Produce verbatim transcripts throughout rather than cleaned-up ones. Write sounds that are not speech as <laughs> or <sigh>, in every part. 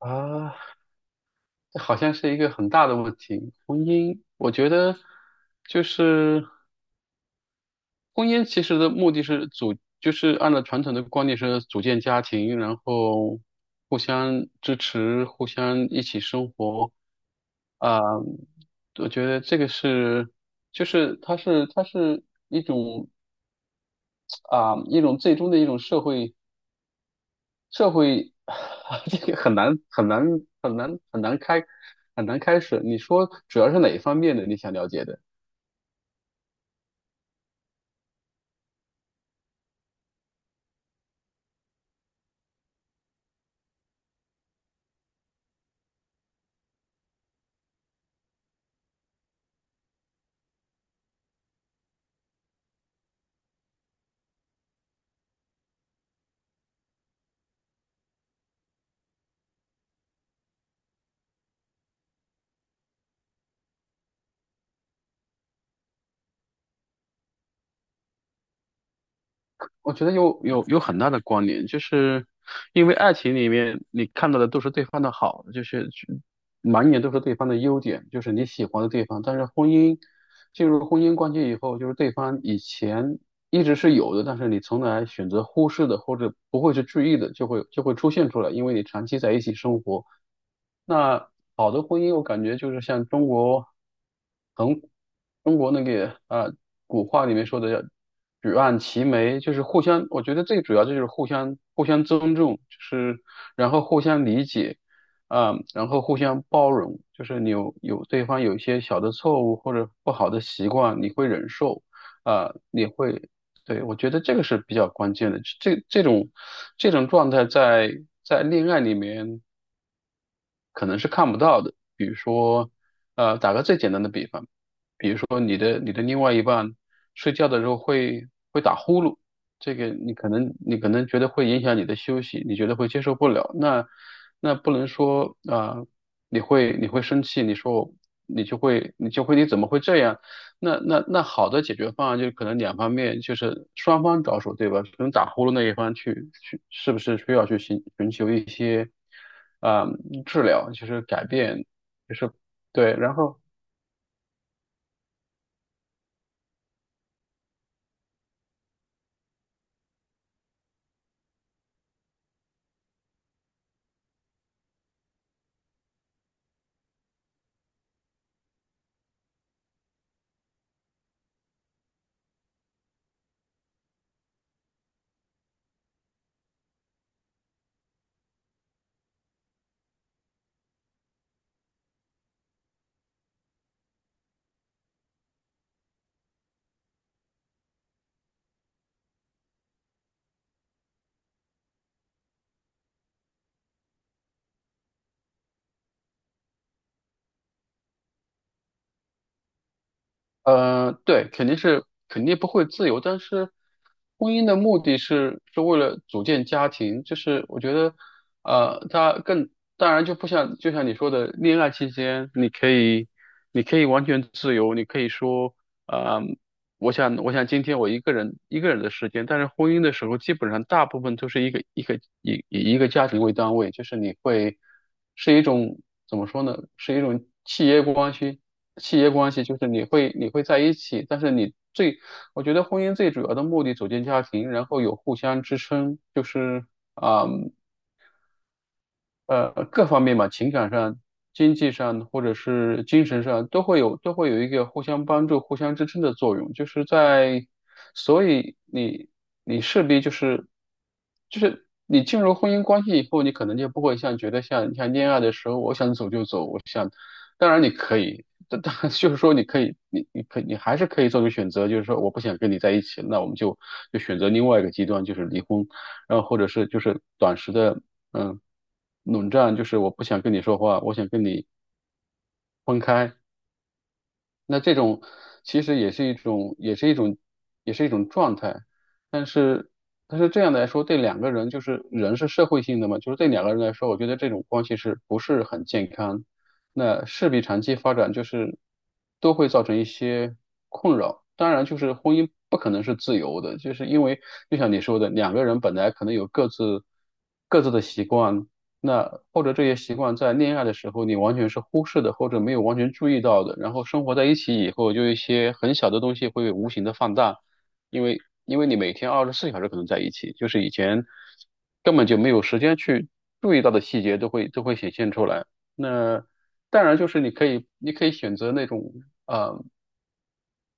啊，这好像是一个很大的问题。婚姻，我觉得就是婚姻，其实的目的是组，就是按照传统的观念是组建家庭，然后互相支持，互相一起生活。啊、我觉得这个是，就是它是它是一种啊、一种最终的一种社会。社会 <laughs> 这个很难很难很难很难开很难开始。你说主要是哪一方面的你想了解的？我觉得有有有很大的关联，就是因为爱情里面你看到的都是对方的好，就是去满眼都是对方的优点，就是你喜欢的地方。但是婚姻进入婚姻关系以后，就是对方以前一直是有的，但是你从来选择忽视的或者不会去注意的，就会就会出现出来，因为你长期在一起生活。那好的婚姻，我感觉就是像中国很中国那个啊、呃古话里面说的叫举案齐眉，就是互相，我觉得最主要就是互相互相尊重，就是然后互相理解，啊、然后互相包容，就是你有有对方有一些小的错误或者不好的习惯，你会忍受，啊、你会。对，我觉得这个是比较关键的。这这种这种状态在在恋爱里面可能是看不到的。比如说，呃，打个最简单的比方。比如说你的你的另外一半睡觉的时候会会打呼噜，这个你可能你可能觉得会影响你的休息，你觉得会接受不了，那那不能说啊、呃你会你会生气，你说你就会你就会你怎么会这样？那那那好的解决方案就是可能两方面就是双方着手，对吧？可能打呼噜那一方去去是不是需要去寻寻求一些啊、呃治疗，就是改变，就是对，然后。呃，对，肯定是肯定不会自由，但是婚姻的目的是是为了组建家庭，就是我觉得，呃，它更当然就不像就像你说的，恋爱期间你可以你可以完全自由，你可以说，呃我想，我想今天我一个人一个人的时间，但是婚姻的时候，基本上大部分都是一个一个以以一个家庭为单位，就是你会是一种怎么说呢？是一种契约关系，契约关系就是你会你会在一起，但是你最我觉得婚姻最主要的目的组建家庭，然后有互相支撑，就是。啊。呃各方面嘛，情感上、经济上或者是精神上，都会有都会有一个互相帮助、互相支撑的作用。就是在，所以你你势必就是就是你进入婚姻关系以后，你可能就不会像觉得像像恋爱的时候，我想走就走，我想，当然你可以。但但就是说，你可以，你你可你还是可以做出选择，就是说我不想跟你在一起，那我们就就选择另外一个极端，就是离婚。然后或者是就是短时的嗯，冷战就是我不想跟你说话，我想跟你分开。那这种其实也是一种，也是一种，也是一种状态。但是，但是这样来说，对两个人就是人是社会性的嘛，就是对两个人来说，我觉得这种关系是不是很健康？那势必长期发展就是都会造成一些困扰。当然，就是婚姻不可能是自由的，就是因为就像你说的，两个人本来可能有各自各自的习惯，那或者这些习惯在恋爱的时候你完全是忽视的，或者没有完全注意到的，然后生活在一起以后，就一些很小的东西会无形的放大，因为因为你每天二十四小时可能在一起，就是以前根本就没有时间去注意到的细节都会都会显现出来。那当然就是你可以你可以选择那种。呃。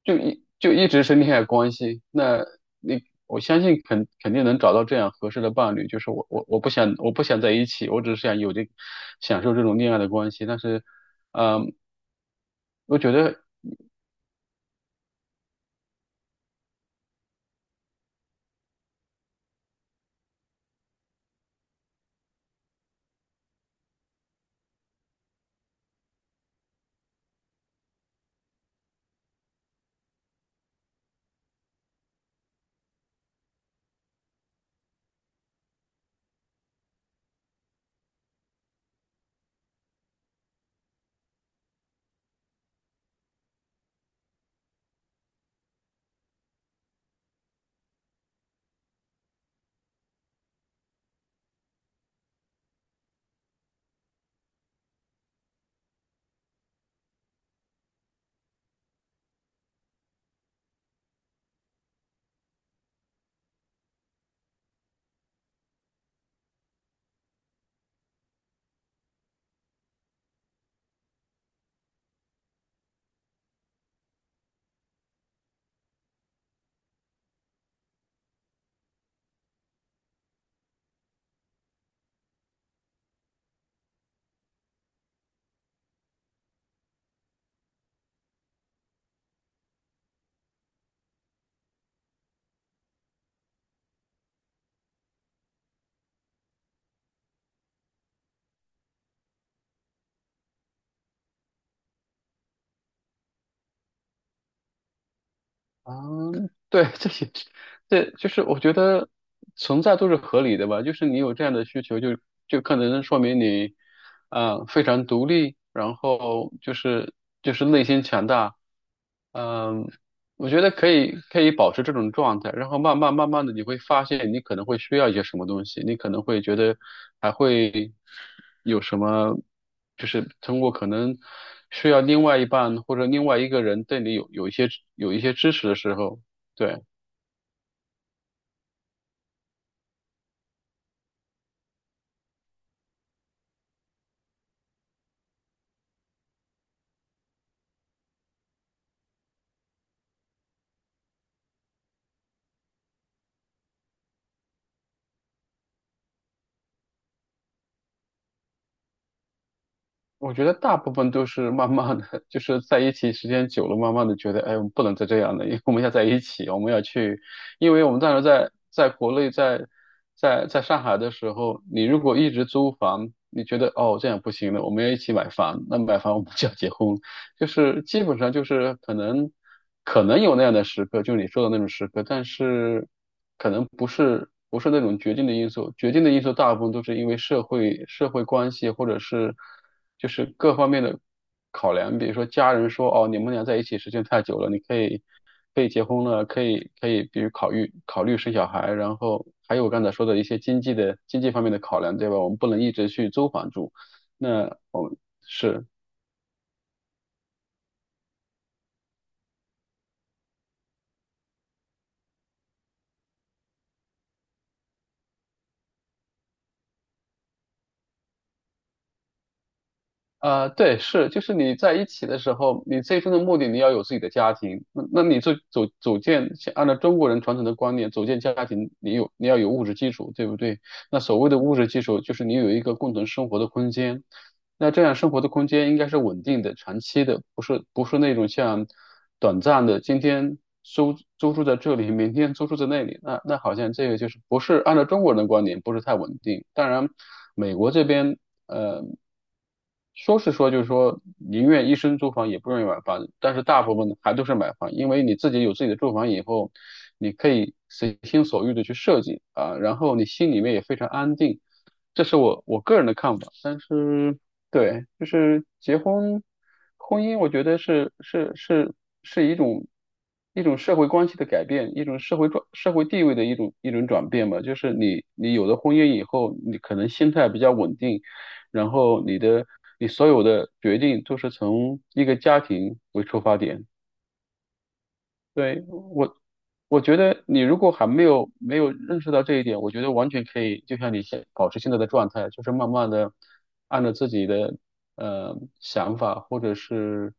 就一就一直是恋爱关系，那你我相信肯肯定能找到这样合适的伴侣。就是我我我不想我不想在一起，我只是想有这享受这种恋爱的关系。但是，嗯，我觉得，嗯，对，<laughs> 这也是这就是我觉得存在都是合理的吧。就是你有这样的需求就，就可能说明你，啊、非常独立，然后就是就是内心强大。嗯，我觉得可以可以保持这种状态，然后慢慢慢慢的你会发现你可能会需要一些什么东西，你可能会觉得还会有什么，就是通过可能需要另外一半或者另外一个人对你有有一些有一些支持的时候，对。我觉得大部分都是慢慢的，<laughs> 就是在一起时间久了，慢慢的觉得，哎，我们不能再这样了，因为我们要在一起，我们要去，因为我们当时在在国内，在在在上海的时候，你如果一直租房，你觉得哦这样不行了，我们要一起买房，那买房我们就要结婚就是基本上就是可能可能有那样的时刻，就是你说的那种时刻，但是可能不是不是那种决定的因素，决定的因素大部分都是因为社会社会关系或者是就是各方面的考量，比如说家人说哦你们俩在一起时间太久了，你可以可以结婚了，可以可以比如考虑考虑生小孩，然后还有我刚才说的一些经济的经济方面的考量，对吧？我们不能一直去租房住，那我们是。呃，对，是，就是你在一起的时候，你最终的目的你要有自己的家庭。那那你就组组建，像按照中国人传统的观念，组建家庭，你有你要有物质基础，对不对？那所谓的物质基础，就是你有一个共同生活的空间。那这样生活的空间应该是稳定的、长期的，不是不是那种像短暂的，今天租租住在这里，明天租住在那里。那那好像这个就是不是按照中国人的观点，不是太稳定。当然，美国这边呃说是说就是说宁愿一生租房也不愿意买房，但是大部分还都是买房，因为你自己有自己的住房以后，你可以随心所欲的去设计啊，然后你心里面也非常安定。这是我我个人的看法，但是对，就是结婚，婚姻，我觉得是是是是一种一种社会关系的改变，一种社会转社会地位的一种一种转变吧。就是你你有了婚姻以后，你可能心态比较稳定，然后你的你所有的决定都是从一个家庭为出发点。对，我，我觉得你如果还没有没有认识到这一点，我觉得完全可以，就像你现保持现在的状态，就是慢慢的按照自己的呃想法或者是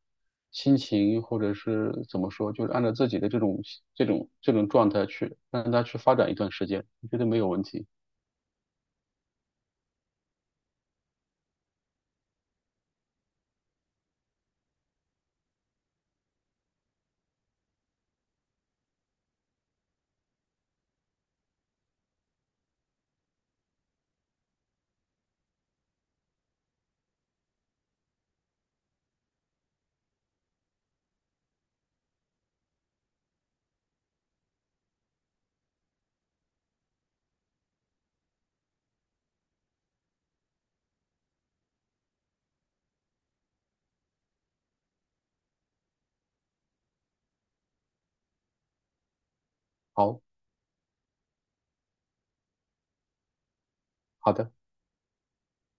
心情，或者是怎么说，就是按照自己的这种这种这种状态去让它去发展一段时间，我觉得没有问题。好，好的。